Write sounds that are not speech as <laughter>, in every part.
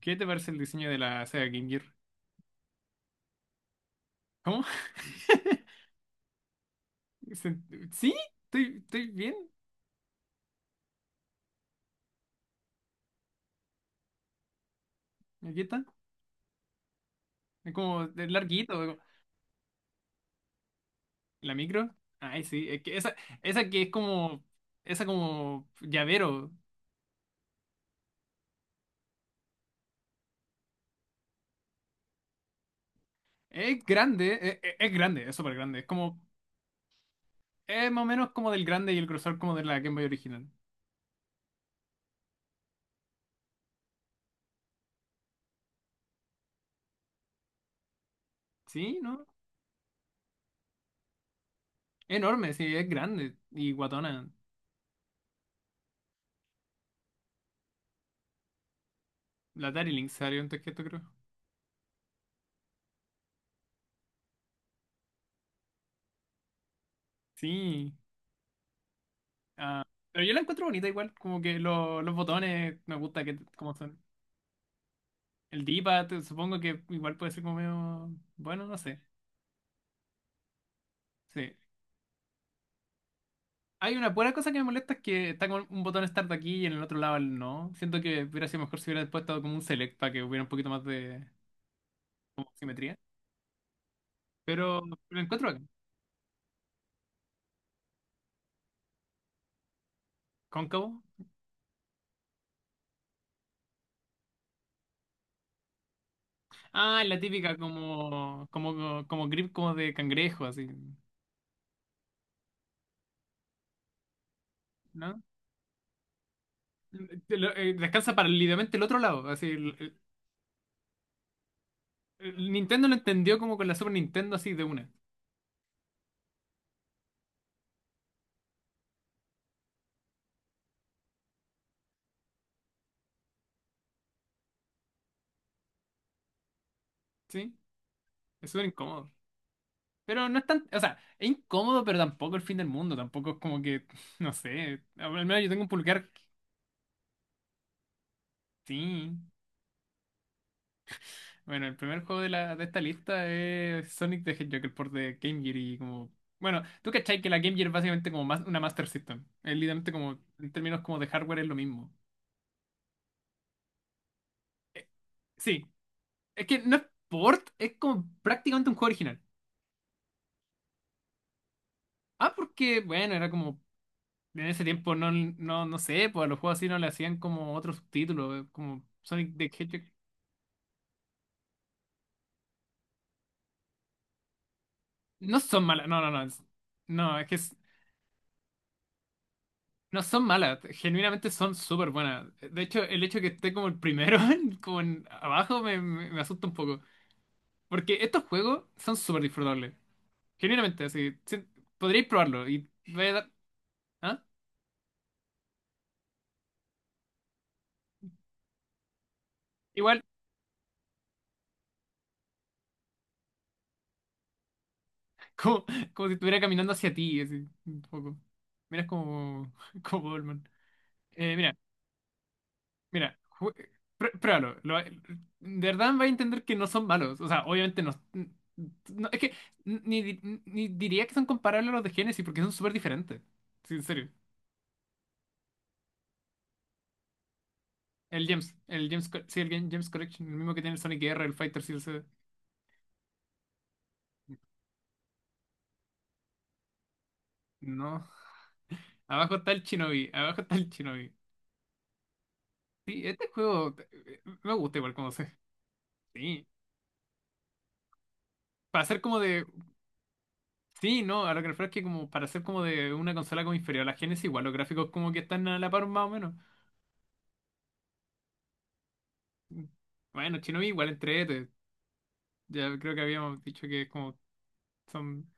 ¿Qué te parece el diseño de la Sega Game Gear? ¿Cómo? <laughs> Se- Sí, estoy bien. Aquí está. Es como es larguito. La micro. Ay, sí. Es que esa que es como. Esa como llavero. Es grande. Es, es grande. Es súper grande. Es como. Es más o menos como del grande y el grosor como de la Game Boy original. Sí, ¿no? Enorme, sí. Es grande. Y guatona. La Atari Lynx salió antes que esto, creo. Sí. Ah, pero yo la encuentro bonita igual, como que los botones me gusta que como son. El D-pad, supongo que igual puede ser como medio. Bueno, no sé. Sí. Hay una buena cosa que me molesta es que está con un botón start aquí y en el otro lado el no. Siento que hubiera sido mejor si hubiera puesto como un select para que hubiera un poquito más de como simetría. Pero lo encuentro acá. Cóncavo. Ah, la típica como grip como de cangrejo, así. ¿No? Descansa para el ligamento del otro lado, así. El Nintendo lo entendió como con la Super Nintendo así de una, ¿sí? Es súper incómodo. Pero no es tan, o sea, es incómodo, pero tampoco el fin del mundo, tampoco es como que, <laughs> no sé, al menos yo tengo un pulgar, sí. Bueno, el primer juego de, la, de esta lista es Sonic the Hedgehog, el port de Game Gear y como... Bueno, tú cachai que la Game Gear es básicamente como más, una Master System. Es literalmente como, en términos como de hardware es lo mismo. Eh, sí, es que no es port, es como prácticamente un juego original. Ah, porque, bueno, era como. En ese tiempo no sé, pues a los juegos así no le hacían como otro subtítulo, como Sonic the Hedgehog. No son malas, no. No, es que no son malas, genuinamente son súper buenas. De hecho, el hecho de que esté como el primero, <laughs> como en abajo, me asusta un poco. Porque estos juegos son súper disfrutables. Genuinamente, así. Sí, podríais probarlo y ¿Ah? Igual, <laughs> como, como si estuviera caminando hacia ti, así, un poco. Miras como, <laughs> como Goldman. Mira. Mira, ju- Pruébalo. Lo de verdad va a entender que no son malos. O sea, obviamente no. Es que ni diría que son comparables a los de Genesis porque son súper diferentes. Sí, en serio. El James. El James, sí, el James Collection. El mismo que tiene el Sonic R, el Fighter CLC. No. Abajo está el Shinobi. Abajo está el Shinobi. Sí, este juego me gusta igual como sé. Sí. Para ser como de. Sí, no, a lo que refiero es que como para ser como de una consola como inferior a la Genesis, igual los gráficos como que están a la par más o menos. Bueno, Shinobi igual entrete. Ya creo que habíamos dicho que es como son.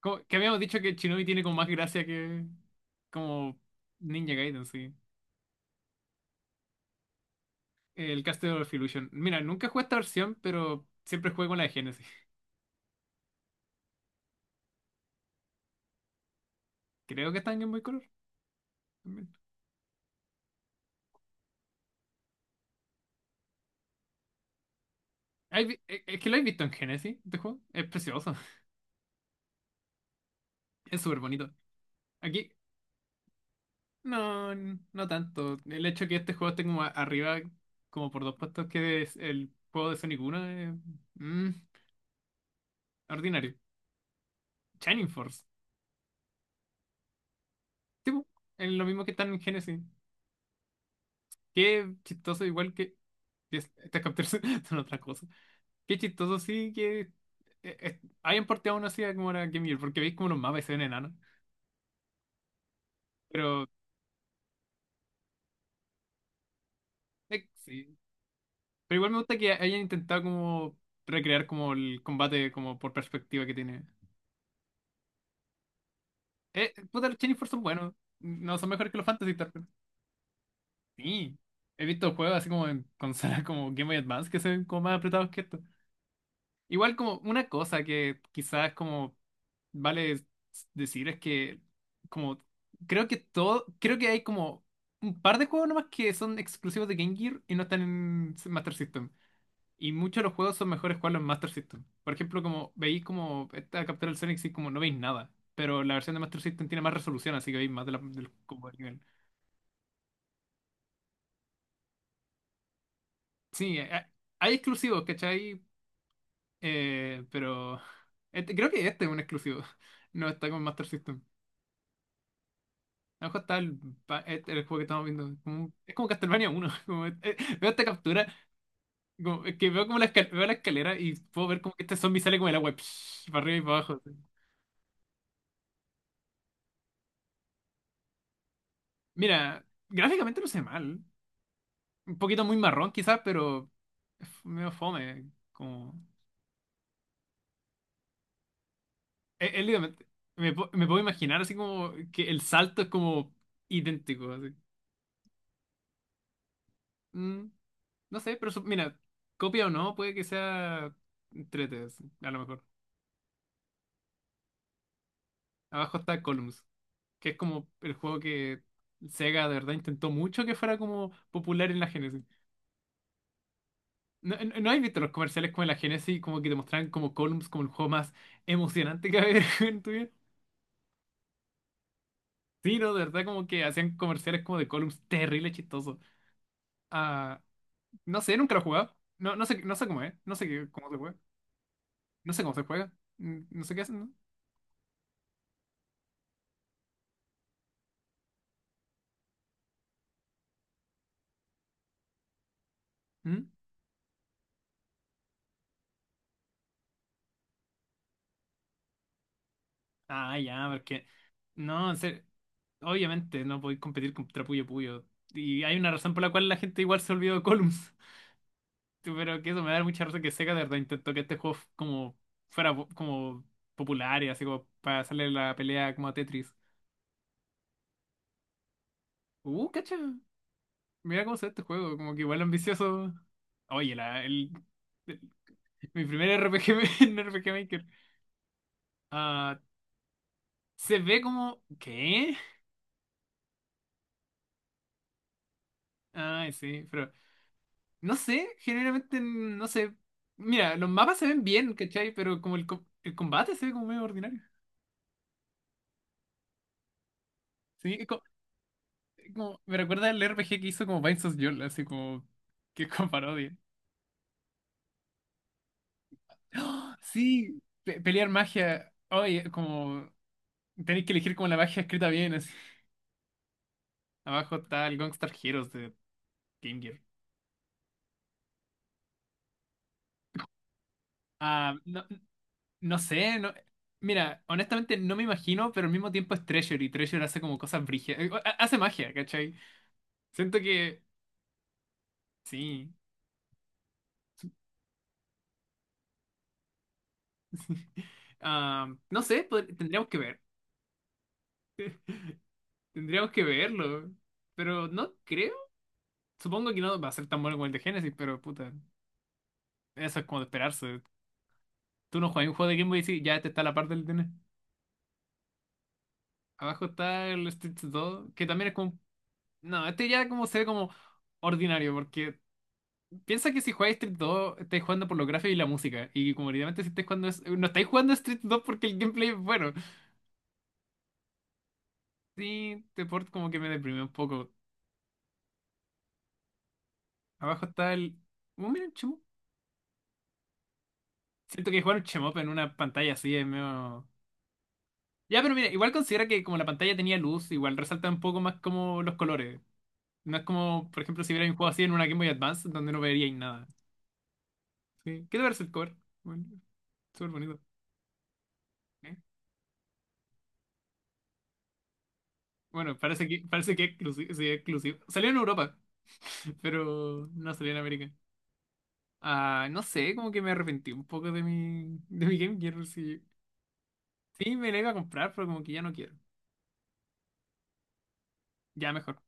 Que habíamos dicho que Shinobi tiene como más gracia que como Ninja Gaiden, sí. El Castle of Illusion. Mira, nunca jugué esta versión, pero siempre jugué con la de Genesis. Creo que está en Game Boy Color también. Es que lo he visto en Genesis, este juego? Es precioso. <laughs> Es súper bonito. Aquí, no, no tanto. El hecho que este juego esté como arriba, como por dos puestos que es el juego de Sonic Uno, es mm, ordinario. Shining Force. Tipo, es lo mismo que están en Genesis. Qué chistoso, igual que estas capturas <laughs> son otra cosa. Qué chistoso, sí, que hayan porteado una así a como era Game Gear, porque veis como los mapas y se ven enanos. Pero, sí. Pero igual me gusta que hayan intentado como recrear como el combate como por perspectiva que tiene. Puta, los Shining Force son buenos. No son mejores que los Fantasy Star. Sí. He visto juegos así como en consolas como Game Boy Advance que se ven como más apretados que estos. Igual como una cosa que quizás como vale decir es que como creo que hay como un par de juegos nomás que son exclusivos de Game Gear y no están en Master System. Y muchos de los juegos son mejores jugarlos en Master System. Por ejemplo, como veis como esta captura del Sonic, sí, como no veis nada. Pero la versión de Master System tiene más resolución, así que veis más de del como del nivel. Sí, hay exclusivos, ¿cachai? Pero <laughs> creo que este es un exclusivo. <laughs> No está con Master System. A lo mejor está el, el juego que estamos viendo. Es como Castlevania uno <laughs> veo esta captura, es que veo como la, veo la escalera y puedo ver como que este zombie sale como el agua, psh, para arriba y para abajo. Así. Mira, gráficamente no sé mal. Un poquito muy marrón quizás, pero es medio fome. Como, es literalmente- me, pu- me puedo imaginar así como que el salto es como idéntico. Así. Mm, no sé, pero mira, copia o no, puede que sea entrete, así, a lo mejor. Abajo está Columns. Que es como el juego que Sega de verdad intentó mucho que fuera como popular en la Genesis. No has visto los comerciales como en la Genesis, como que te mostraban como Columns como el juego más emocionante que había <laughs> en tu vida? Sí, no, de verdad como que hacían comerciales como de Columns terrible, chistoso. Ah, no sé, nunca lo he jugado. No, no sé, no sé cómo es, no sé cómo se juega. No sé cómo se juega. Mm, no sé qué hacen, ¿no? ¿Mm? Ah, ya, porque... No, en serio, obviamente no podéis competir contra Puyo Puyo. Y hay una razón por la cual la gente igual se olvidó de Columns. Pero que eso me da mucha risa que Sega de verdad intentó que este juego como fuera como popular y así como para hacerle la pelea como a Tetris. Cacha. Mira cómo se ve este juego, como que igual ambicioso. Oye, el- mi primer RPG, <laughs> en RPG Maker. Ah, se ve como... ¿Qué? Ay, sí, pero... No sé, generalmente no sé. Mira, los mapas se ven bien, ¿cachai? Pero como el combate se ve como medio ordinario. Sí, me recuerda el RPG que hizo como Binds of Yule, así como que es como parodia. ¡Ah! Sí, pelear magia. Oye, como tenéis que elegir como la magia escrita bien. Así. Abajo está el Gongstar Heroes de Game Gear. Ah, no, no sé, no. Mira, honestamente no me imagino, pero al mismo tiempo es Treasure y Treasure hace como cosas brígidas. Hace magia, ¿cachai? Siento que sí. <laughs> Ah, no sé, tendríamos que ver. Tendríamos que verlo. Pero no creo. Supongo que no va a ser tan bueno como el de Genesis, pero puta, eso es como de esperarse. Tú no juegas un juego de Game Boy y sí, ya este está a la parte del DN. Abajo está el Street 2, que también es como. No, este ya como se ve como ordinario, porque piensa que si jugáis Street 2, estáis jugando por los gráficos y la música. Y como evidentemente si estáis jugando. No estáis jugando Street 2 porque el gameplay es bueno. Sí, este port como que me deprimió un poco. Abajo está el. Oh, mira, el Chemo. Siento que jugar un Chemop en una pantalla así es medio. Ya, pero mira, igual considera que como la pantalla tenía luz, igual resalta un poco más como los colores. No es como, por ejemplo, si hubiera un juego así en una Game Boy Advance, donde no veríais nada. Sí. ¿Qué te parece el cover? Bueno, súper bonito. ¿Eh? Bueno, parece que es sí, es exclusivo. Salió en Europa, <laughs> pero no salió en América. Ah, no sé, como que me arrepentí un poco de mi Game Gear. Sí, sí me la iba a comprar, pero como que ya no quiero. Ya mejor.